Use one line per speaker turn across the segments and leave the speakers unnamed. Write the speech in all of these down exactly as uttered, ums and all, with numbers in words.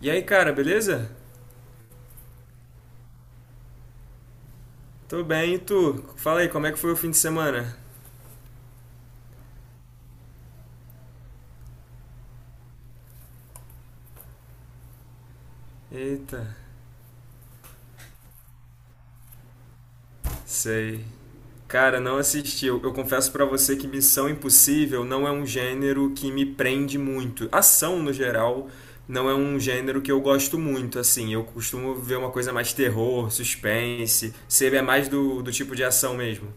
E aí, cara, beleza? Tô bem, e tu? Fala aí, como é que foi o fim de semana? Eita, sei. Cara, não assisti. Eu, eu confesso pra você que Missão Impossível não é um gênero que me prende muito. Ação, no geral, não é um gênero que eu gosto muito, assim. Eu costumo ver uma coisa mais terror, suspense. Você é mais do, do tipo de ação mesmo.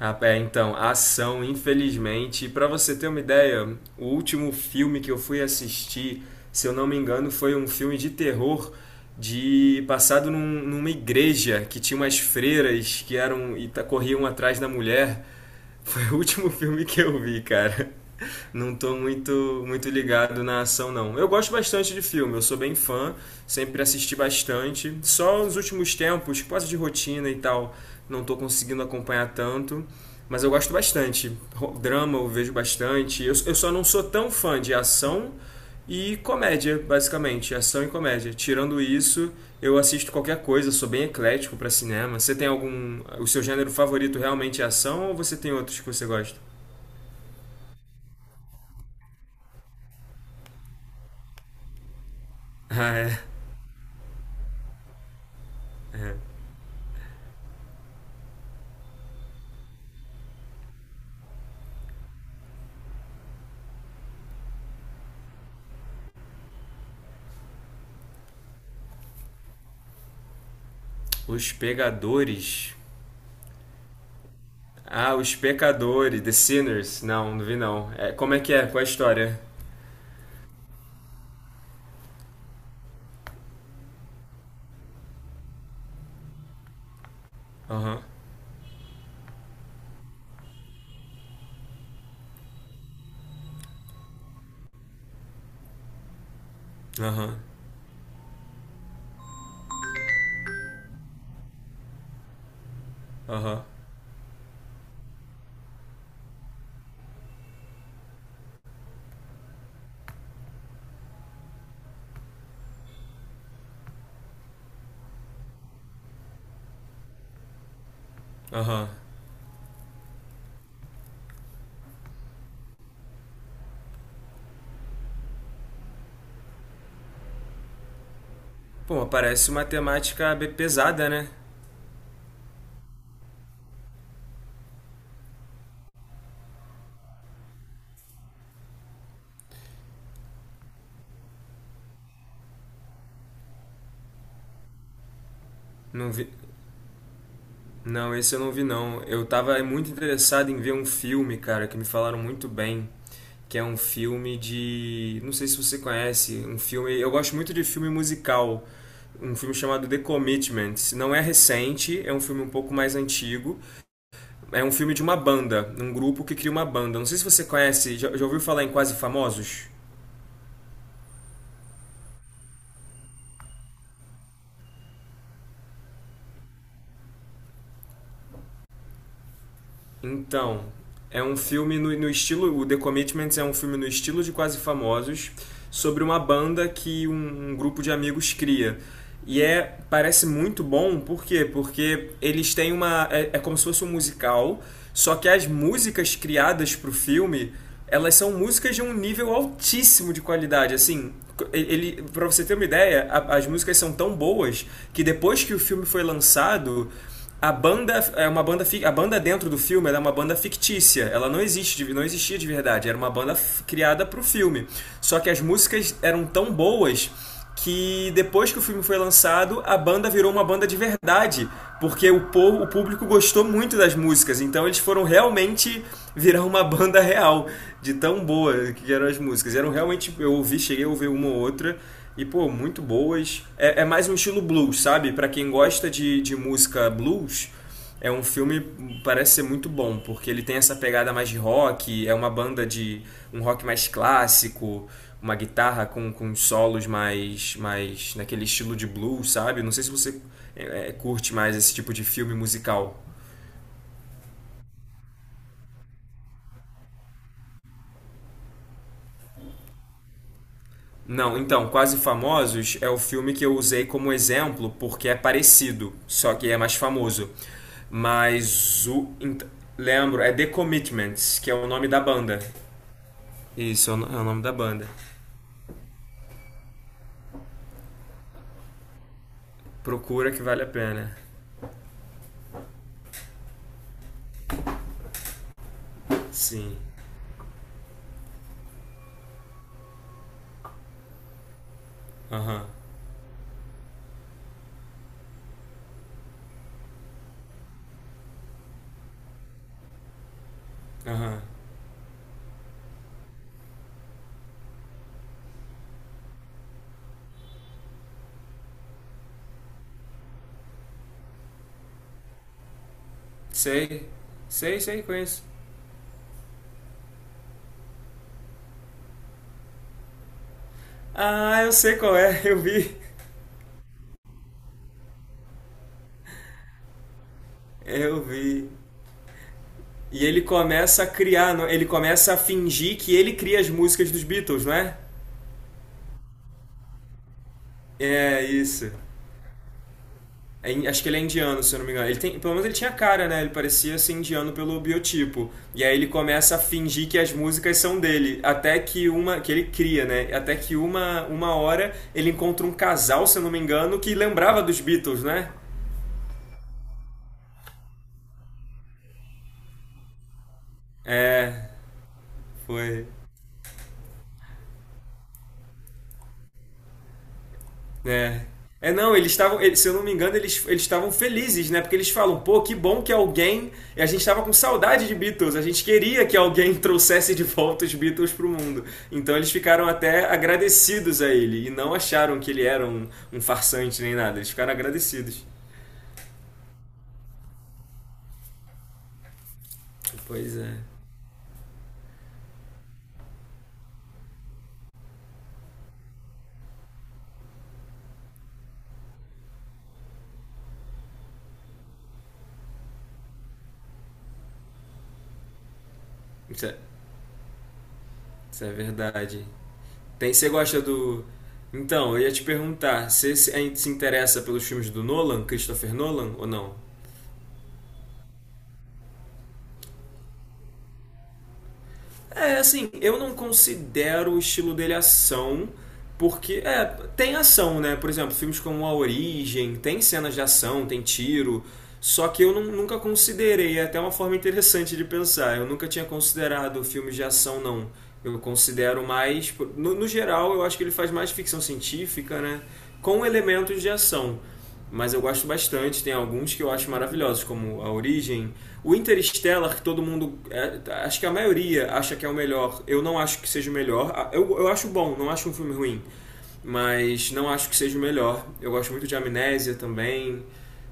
Ah, é, então, a ação, infelizmente. Para você ter uma ideia, o último filme que eu fui assistir, se eu não me engano, foi um filme de terror de passado num- numa igreja que tinha umas freiras que eram e ta- corriam atrás da mulher. Foi o último filme que eu vi, cara não tô muito, muito ligado na ação, não. Eu gosto bastante de filme, eu sou bem fã, sempre assisti bastante. Só nos últimos tempos, por causa de rotina e tal, não tô conseguindo acompanhar tanto. Mas eu gosto bastante. Ro- Drama eu vejo bastante. Eu, eu só não sou tão fã de ação e comédia, basicamente. Ação e comédia. Tirando isso, eu assisto qualquer coisa, sou bem eclético pra cinema. Você tem algum. O seu gênero favorito realmente é ação ou você tem outros que você gosta? Ah, é. É. Os Pegadores. Ah, Os Pecadores, The Sinners. Não, não vi não. É, como é que é? Qual é a história? Aham, aham, aham, aham. Pô, mas parece uma temática bem pesada, né? Não vi. Não, esse eu não vi não. Eu tava muito interessado em ver um filme, cara, que me falaram muito bem. Que é um filme de. Não sei se você conhece. Um filme. Eu gosto muito de filme musical. Um filme chamado The Commitments. Não é recente, é um filme um pouco mais antigo. É um filme de uma banda, um grupo que cria uma banda. Não sei se você conhece, já, já ouviu falar em Quase Famosos? Então, é um filme no, no estilo. O The Commitments é um filme no estilo de Quase Famosos, sobre uma banda que um, um grupo de amigos cria. E é, parece muito bom, por quê? Porque eles têm uma. É, é como se fosse um musical, só que as músicas criadas para o filme, elas são músicas de um nível altíssimo de qualidade. Assim, ele, pra você ter uma ideia, a- as músicas são tão boas que depois que o filme foi lançado a banda é uma banda a banda dentro do filme ela é uma banda fictícia ela não existe não existia de verdade era uma banda criada para o filme, só que as músicas eram tão boas que depois que o filme foi lançado a banda virou uma banda de verdade, porque o povo, o público gostou muito das músicas, então eles foram realmente virar uma banda real de tão boa que eram as músicas, eram realmente, eu ouvi, cheguei a ouvir uma ou outra e, pô, muito boas. É, é mais um estilo blues, sabe? Pra quem gosta de, de música blues, é um filme parece ser muito bom, porque ele tem essa pegada mais de rock, é uma banda de um rock mais clássico, uma guitarra com, com solos mais, mais naquele estilo de blues, sabe? Não sei se você é, é, curte mais esse tipo de filme musical. Não, então, Quase Famosos é o filme que eu usei como exemplo porque é parecido, só que é mais famoso. Mas o. ent- Lembro, é The Commitments, que é o nome da banda. Isso, é o no- é o nome da banda. Procura que vale a pena. Sim. Aham, aham. Sei, sei, sei, conheço. Ah, eu sei qual é, eu vi. Eu vi. E ele começa a criar, não- ele começa a fingir que ele cria as músicas dos Beatles, não é? É isso. É, acho que ele é indiano, se eu não me engano. Ele tem, pelo menos ele tinha cara, né? Ele parecia ser indiano pelo biotipo. E aí ele começa a fingir que as músicas são dele, até que uma que ele cria, né? Até que uma uma hora ele encontra um casal, se eu não me engano, que lembrava dos Beatles, né? É, foi. É. É, não, eles estavam, eles- se eu não me engano, eles eles estavam felizes, né? Porque eles falam, pô, que bom que alguém. E a gente estava com saudade de Beatles, a gente queria que alguém trouxesse de volta os Beatles pro mundo. Então eles ficaram até agradecidos a ele e não acharam que ele era um, um farsante nem nada, eles ficaram agradecidos. Pois é, isso é, isso é verdade. Tem, você gosta do. Então, eu ia te perguntar, você se, se interessa pelos filmes do Nolan, Christopher Nolan, ou não? É, assim, eu não considero o estilo dele ação, porque é, tem ação, né? Por exemplo, filmes como A Origem, tem cenas de ação, tem tiro, só que eu nu- nunca considerei, é até uma forma interessante de pensar. Eu nunca tinha considerado filmes de ação, não. Eu considero mais. No, no geral, eu acho que ele faz mais ficção científica, né? Com elementos de ação, mas eu gosto bastante. Tem alguns que eu acho maravilhosos, como A Origem. O Interstellar, que todo mundo. É, acho que a maioria acha que é o melhor. Eu não acho que seja o melhor. Ah, Eu, eu acho bom, não acho um filme ruim. Mas não acho que seja o melhor. Eu gosto muito de Amnésia também.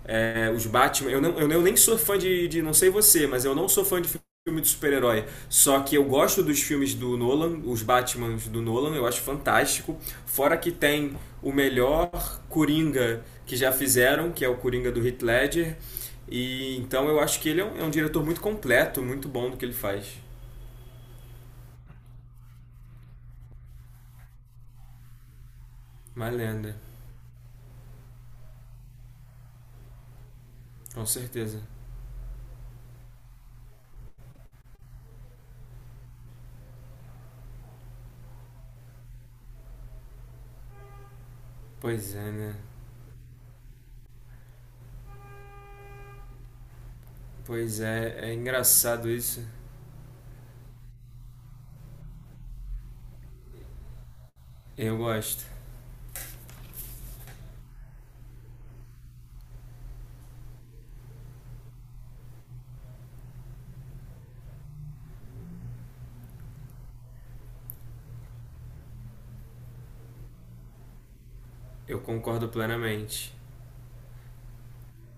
É, os Batman. Eu, não, eu, eu nem sou fã de, de. Não sei você, mas eu não sou fã de filme de super-herói. Só que eu gosto dos filmes do Nolan, os Batmans do Nolan, eu acho fantástico. Fora que tem o melhor Coringa que já fizeram, que é o Coringa do Heath Ledger. E então eu acho que ele é um, é um diretor muito completo, muito bom do que ele faz. Uma lenda, com certeza. Pois é, né? Pois é, é engraçado isso. Eu gosto. Eu concordo plenamente.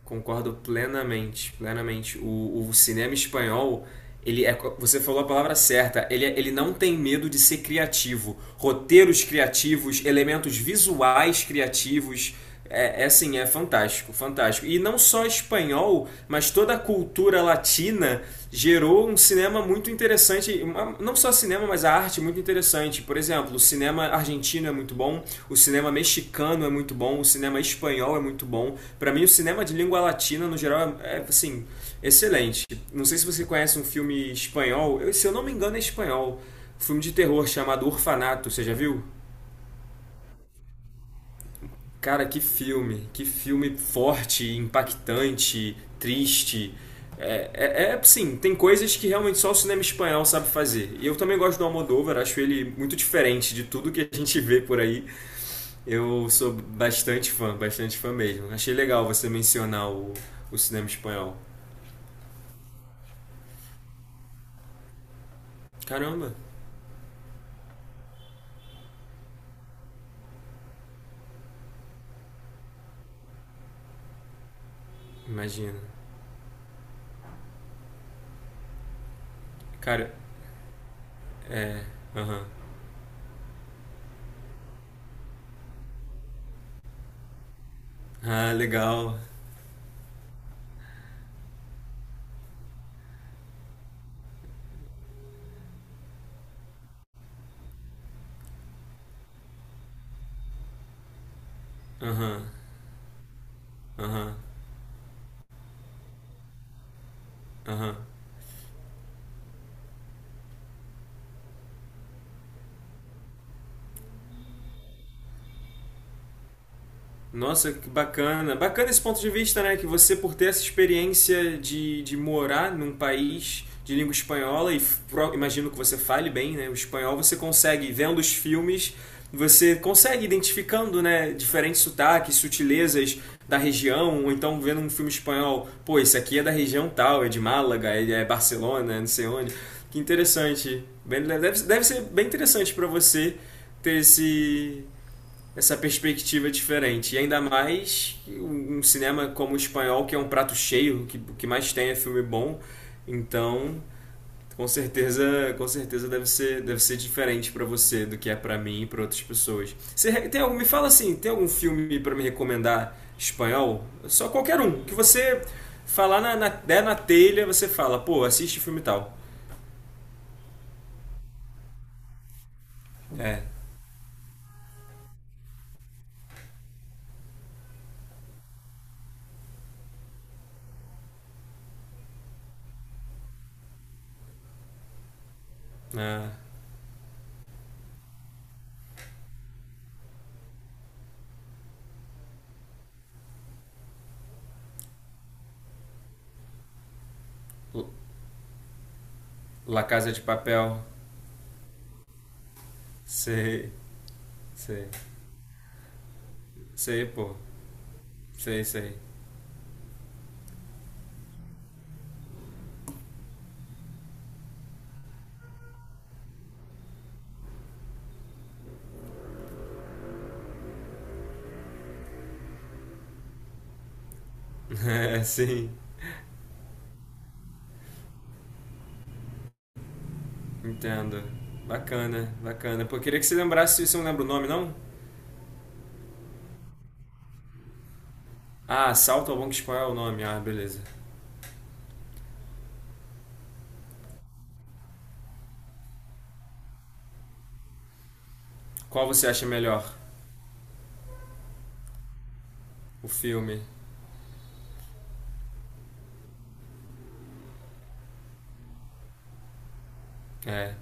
Concordo plenamente, plenamente. O, o cinema espanhol, ele é, você falou a palavra certa, ele, é- ele não tem medo de ser criativo. Roteiros criativos, elementos visuais criativos, é, é assim, é fantástico, fantástico. E não só espanhol, mas toda a cultura latina gerou um cinema cinema muito interessante, não só cinema, mas a arte muito interessante. Por exemplo, o cinema argentino é muito bom, o cinema mexicano é muito bom, o cinema espanhol é muito bom. Para mim, o cinema de língua latina, no geral, é, é, assim, excelente. Não sei se você conhece um filme espanhol, se eu não me engano é espanhol, um filme de terror chamado Orfanato, você já viu? Cara, que filme, que filme forte, impactante, triste. É, é, é, sim, tem coisas que realmente só o cinema espanhol sabe fazer. E eu também gosto do Almodóvar, acho ele muito diferente de tudo que a gente vê por aí. Eu sou bastante fã, bastante fã mesmo. Achei legal você mencionar o, o cinema espanhol. Caramba, imagina. Cara, é, aham. Ah, legal. Aham, aham, aham. Nossa, que bacana. Bacana esse ponto de vista, né? Que você, por ter essa experiência de, de morar num país de língua espanhola, e pro- imagino que você fale bem, né? O espanhol, você consegue, vendo os filmes, você consegue identificando, né? Diferentes sotaques, sutilezas da região, ou então vendo um filme espanhol, pô, esse aqui é da região tal, é de Málaga, é é Barcelona, é não sei onde. Que interessante. Bem- Deve, deve ser bem interessante para você ter esse, essa perspectiva diferente. E ainda mais um um cinema como o espanhol, que é um prato cheio, que, o que mais tem é filme bom. Então, com certeza, com certeza deve ser, deve ser diferente para você do que é para mim e para outras pessoas. Você tem algum, me fala assim, tem algum filme para me recomendar espanhol? Só qualquer um, que você falar na, na, der na telha, você fala, pô, assiste filme tal. É, na La Casa de Papel, sei, sei, sei, pô, sei, sei. É, sim, entendo. Bacana, bacana. Pô, eu queria que você lembrasse, você não lembra o nome, não? Ah, Assalto ao Banco Espanhol é o nome. Ah, beleza. Qual você acha melhor? O filme. É,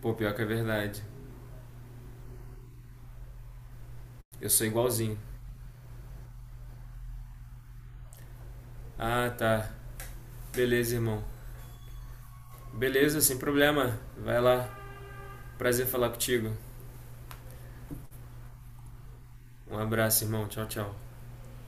pô, pior que é verdade. Eu sou igualzinho. Ah, tá. Beleza, irmão. Beleza, sem problema. Vai lá. Prazer falar contigo. Um abraço, irmão. Tchau, tchau.